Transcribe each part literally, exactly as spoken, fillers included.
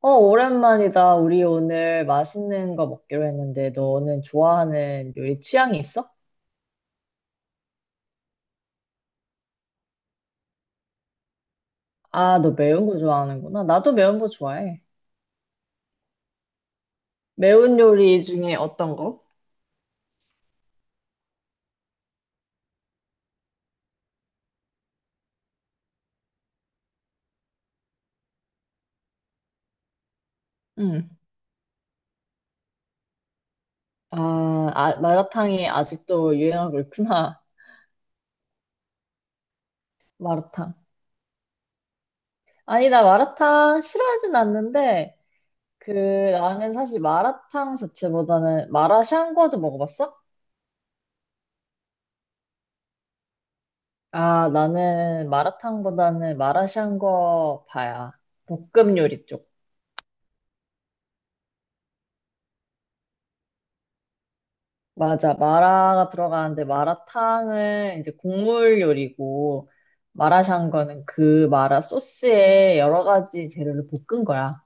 어, 오랜만이다. 우리 오늘 맛있는 거 먹기로 했는데, 너는 좋아하는 요리 취향이 있어? 아, 너 매운 거 좋아하는구나. 나도 매운 거 좋아해. 매운 요리 중에 어떤 거? 응. 아, 아, 마라탕이 아직도 유행하고 있구나. 마라탕. 아니, 나 마라탕 싫어하진 않는데, 그, 나는 사실 마라탕 자체보다는 마라샹궈도 먹어봤어? 아, 나는 마라탕보다는 마라샹궈 파야. 볶음 요리 쪽. 맞아. 마라가 들어가는데 마라탕은 이제 국물 요리고, 마라샹궈는 그 마라 소스에 여러 가지 재료를 볶은 거야.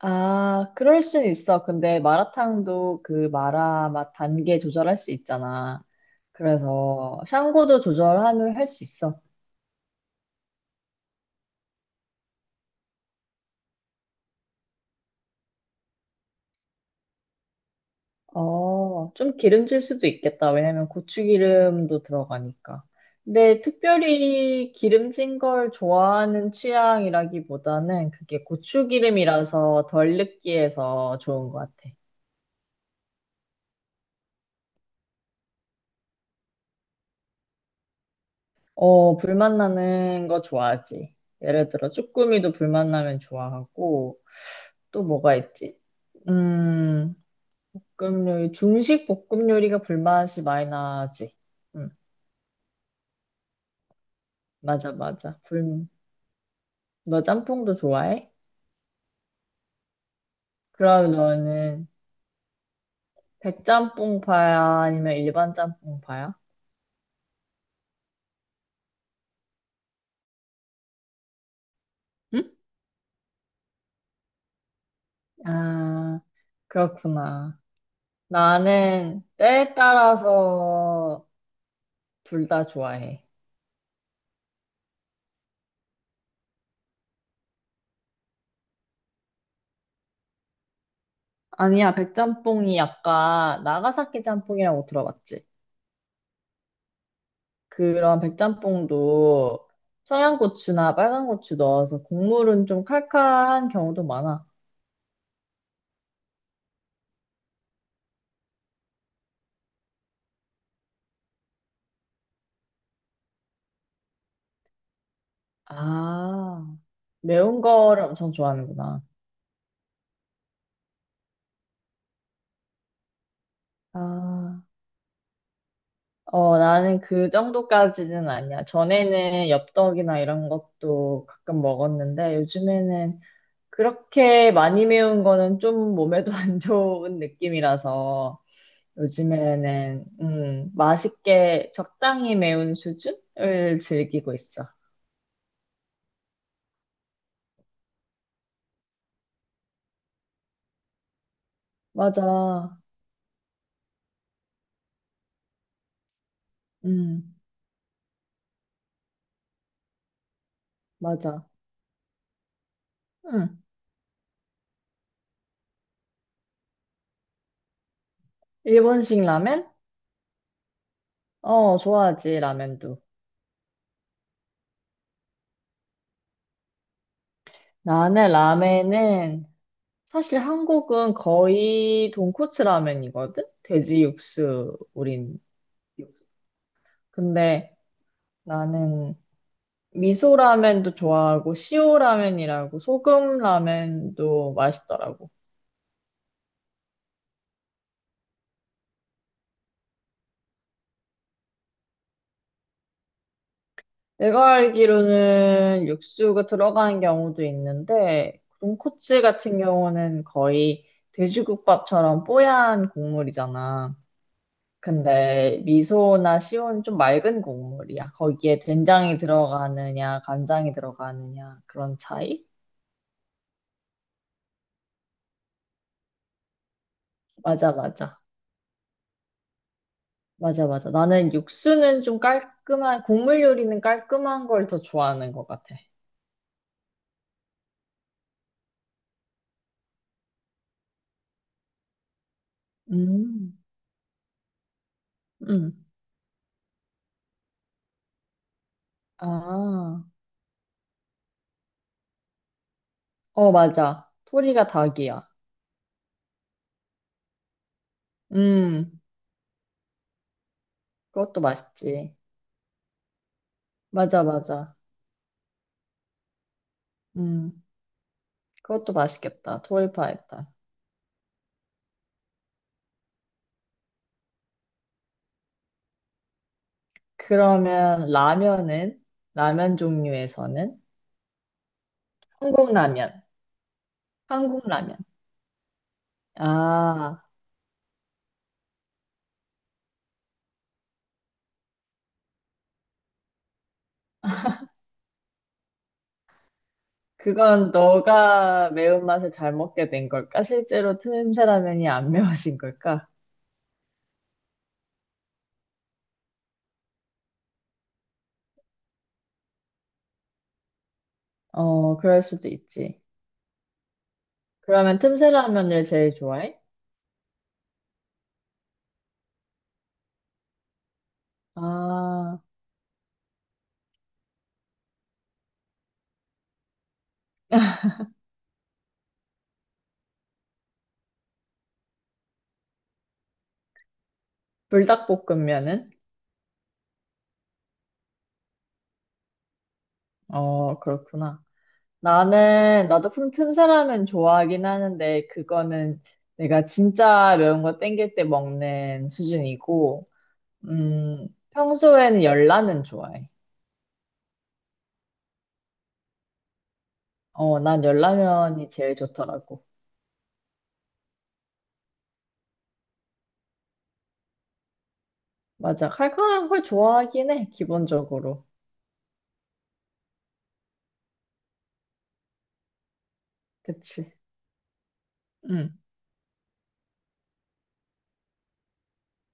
아, 그럴 순 있어. 근데 마라탕도 그 마라 맛 단계 조절할 수 있잖아. 그래서 샹궈도 조절하면 할 수 있어. 어, 좀 기름질 수도 있겠다. 왜냐면 고추기름도 들어가니까. 근데 특별히 기름진 걸 좋아하는 취향이라기보다는 그게 고추기름이라서 덜 느끼해서 좋은 것 같아. 어, 불맛 나는 거 좋아하지. 예를 들어, 쭈꾸미도 불맛 나면 좋아하고, 또 뭐가 있지? 음, 볶음 요리, 중식 볶음 요리가 불맛이 많이 나지. 음, 맞아, 맞아. 불, 너 짬뽕도 좋아해? 그럼 너는 백짬뽕파야? 아니면 일반 짬뽕파야? 응? 아, 그렇구나. 나는 때에 따라서 둘 다 좋아해. 아니야, 백짬뽕이 약간 나가사키 짬뽕이라고 들어봤지? 그런 백짬뽕도 청양고추나 빨간 고추 넣어서 국물은 좀 칼칼한 경우도 많아. 아, 매운 거를 엄청 좋아하는구나. 아. 어, 나는 그 정도까지는 아니야. 전에는 엽떡이나 이런 것도 가끔 먹었는데 요즘에는 그렇게 많이 매운 거는 좀 몸에도 안 좋은 느낌이라서 요즘에는 음, 맛있게 적당히 매운 수준을 즐기고 있어. 맞아. 음, 맞아. 음. 일본식 라멘? 어, 좋아하지, 라멘도. 나는 라멘은 사실 한국은 거의 돈코츠 라면이거든? 돼지 육수, 우린. 육수. 근데 나는 미소 라면도 좋아하고, 시오 라면이라고, 소금 라면도 맛있더라고. 내가 알기로는 육수가 들어가는 경우도 있는데, 돈코츠 같은 경우는 거의 돼지국밥처럼 뽀얀 국물이잖아. 근데 미소나 시오는 좀 맑은 국물이야. 거기에 된장이 들어가느냐, 간장이 들어가느냐, 그런 차이? 맞아, 맞아. 맞아, 맞아. 나는 육수는 좀 깔끔한, 국물 요리는 깔끔한 걸 더 좋아하는 것 같아. 음, 음. 아, 어, 맞아. 토리가 닭이야. 음, 그것도 맛있지. 맞아, 맞아. 음, 그것도 맛있겠다. 토리파에탄. 그러면 라면은? 라면 종류에서는? 한국 라면. 한국 라면. 아, 그건 너가 매운맛을 잘 먹게 된 걸까? 실제로 틈새 라면이 안 매워진 걸까? 어, 그럴 수도 있지. 그러면 틈새 라면을 제일 좋아해? 아, 불닭볶음면은? 어, 그렇구나. 나는, 나도 품- 틈새 라면 좋아하긴 하는데, 그거는 내가 진짜 매운 거 땡길 때 먹는 수준이고, 음, 평소에는 열라면 좋아해. 어, 난 열라면이 제일 좋더라고. 맞아. 칼칼한 걸 좋아하긴 해, 기본적으로. 그치. 응.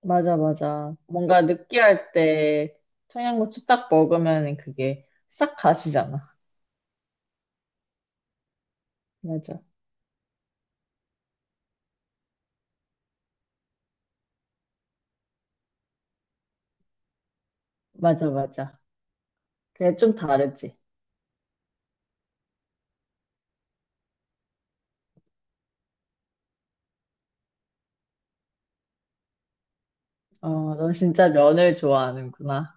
맞아, 맞아. 뭔가 느끼할 때 청양고추 딱 먹으면 그게 싹 가시잖아. 맞아. 맞아, 맞아. 그게 좀 다르지. 어, 넌 진짜 면을 좋아하는구나.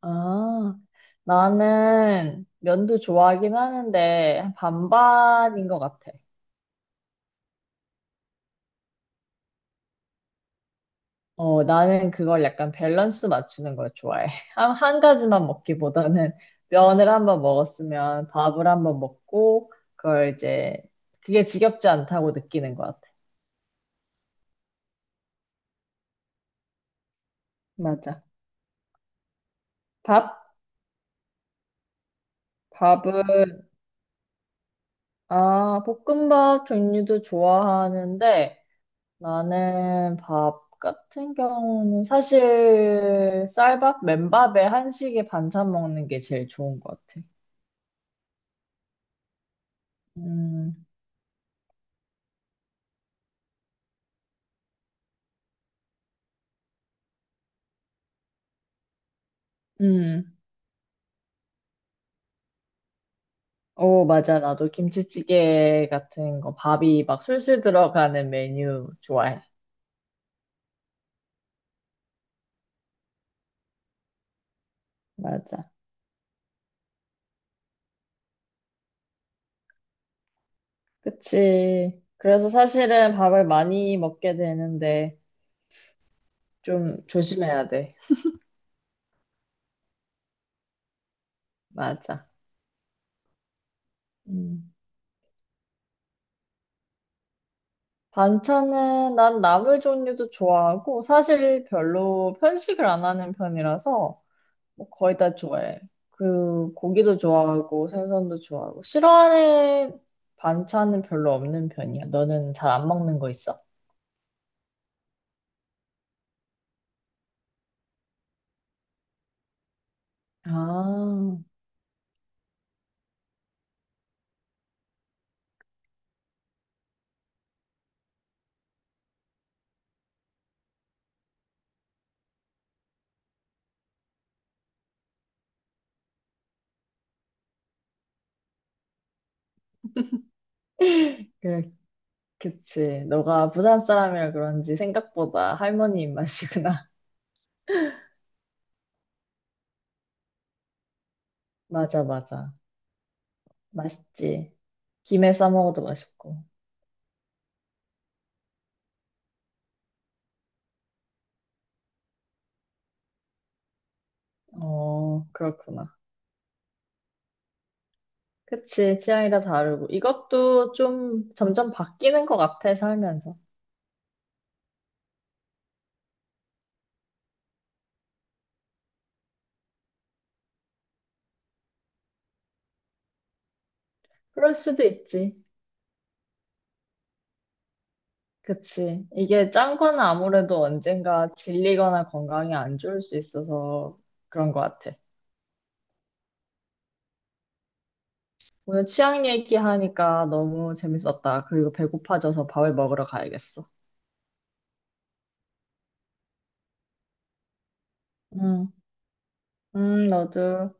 아, 나는 면도 좋아하긴 하는데 반반인 것 같아. 어, 나는 그걸 약간 밸런스 맞추는 걸 좋아해. 한, 한 가지만 먹기보다는 면을 한번 먹었으면 밥을 한번 먹고, 그걸 이제 그게 지겹지 않다고 느끼는 것 같아. 맞아. 밥? 밥은, 아, 볶음밥 종류도 좋아하는데 나는 밥 같은 경우는 사실 쌀밥, 맨밥에 한식에 반찬 먹는 게 제일 좋은 것 같아. 음, 음. 어, 맞아. 나도 김치찌개 같은 거, 밥이 막 술술 들어가는 메뉴 좋아해. 맞아. 그치. 그래서 사실은 밥을 많이 먹게 되는데 좀 조심해야 돼. 맞아. 음. 반찬은 난 나물 종류도 좋아하고 사실 별로 편식을 안 하는 편이라서 뭐 거의 다 좋아해. 그 고기도 좋아하고 생선도 좋아하고 싫어하는 반찬은 별로 없는 편이야. 너는 잘 안 먹는 거 있어? 아, 그래, 그치. 너가 부산 사람이라 그런지 생각보다 할머니 입맛이구나. 맞아, 맞아. 맛있지. 김에 싸 먹어도 맛있고. 어, 그렇구나. 그치. 취향이 다 다르고. 이것도 좀 점점 바뀌는 것 같아, 살면서. 그럴 수도 있지. 그치. 이게 짠 거는 아무래도 언젠가 질리거나 건강이 안 좋을 수 있어서 그런 것 같아. 오늘 취향 얘기하니까 너무 재밌었다. 그리고 배고파져서 밥을 먹으러 가야겠어. 응, 응, 맞아.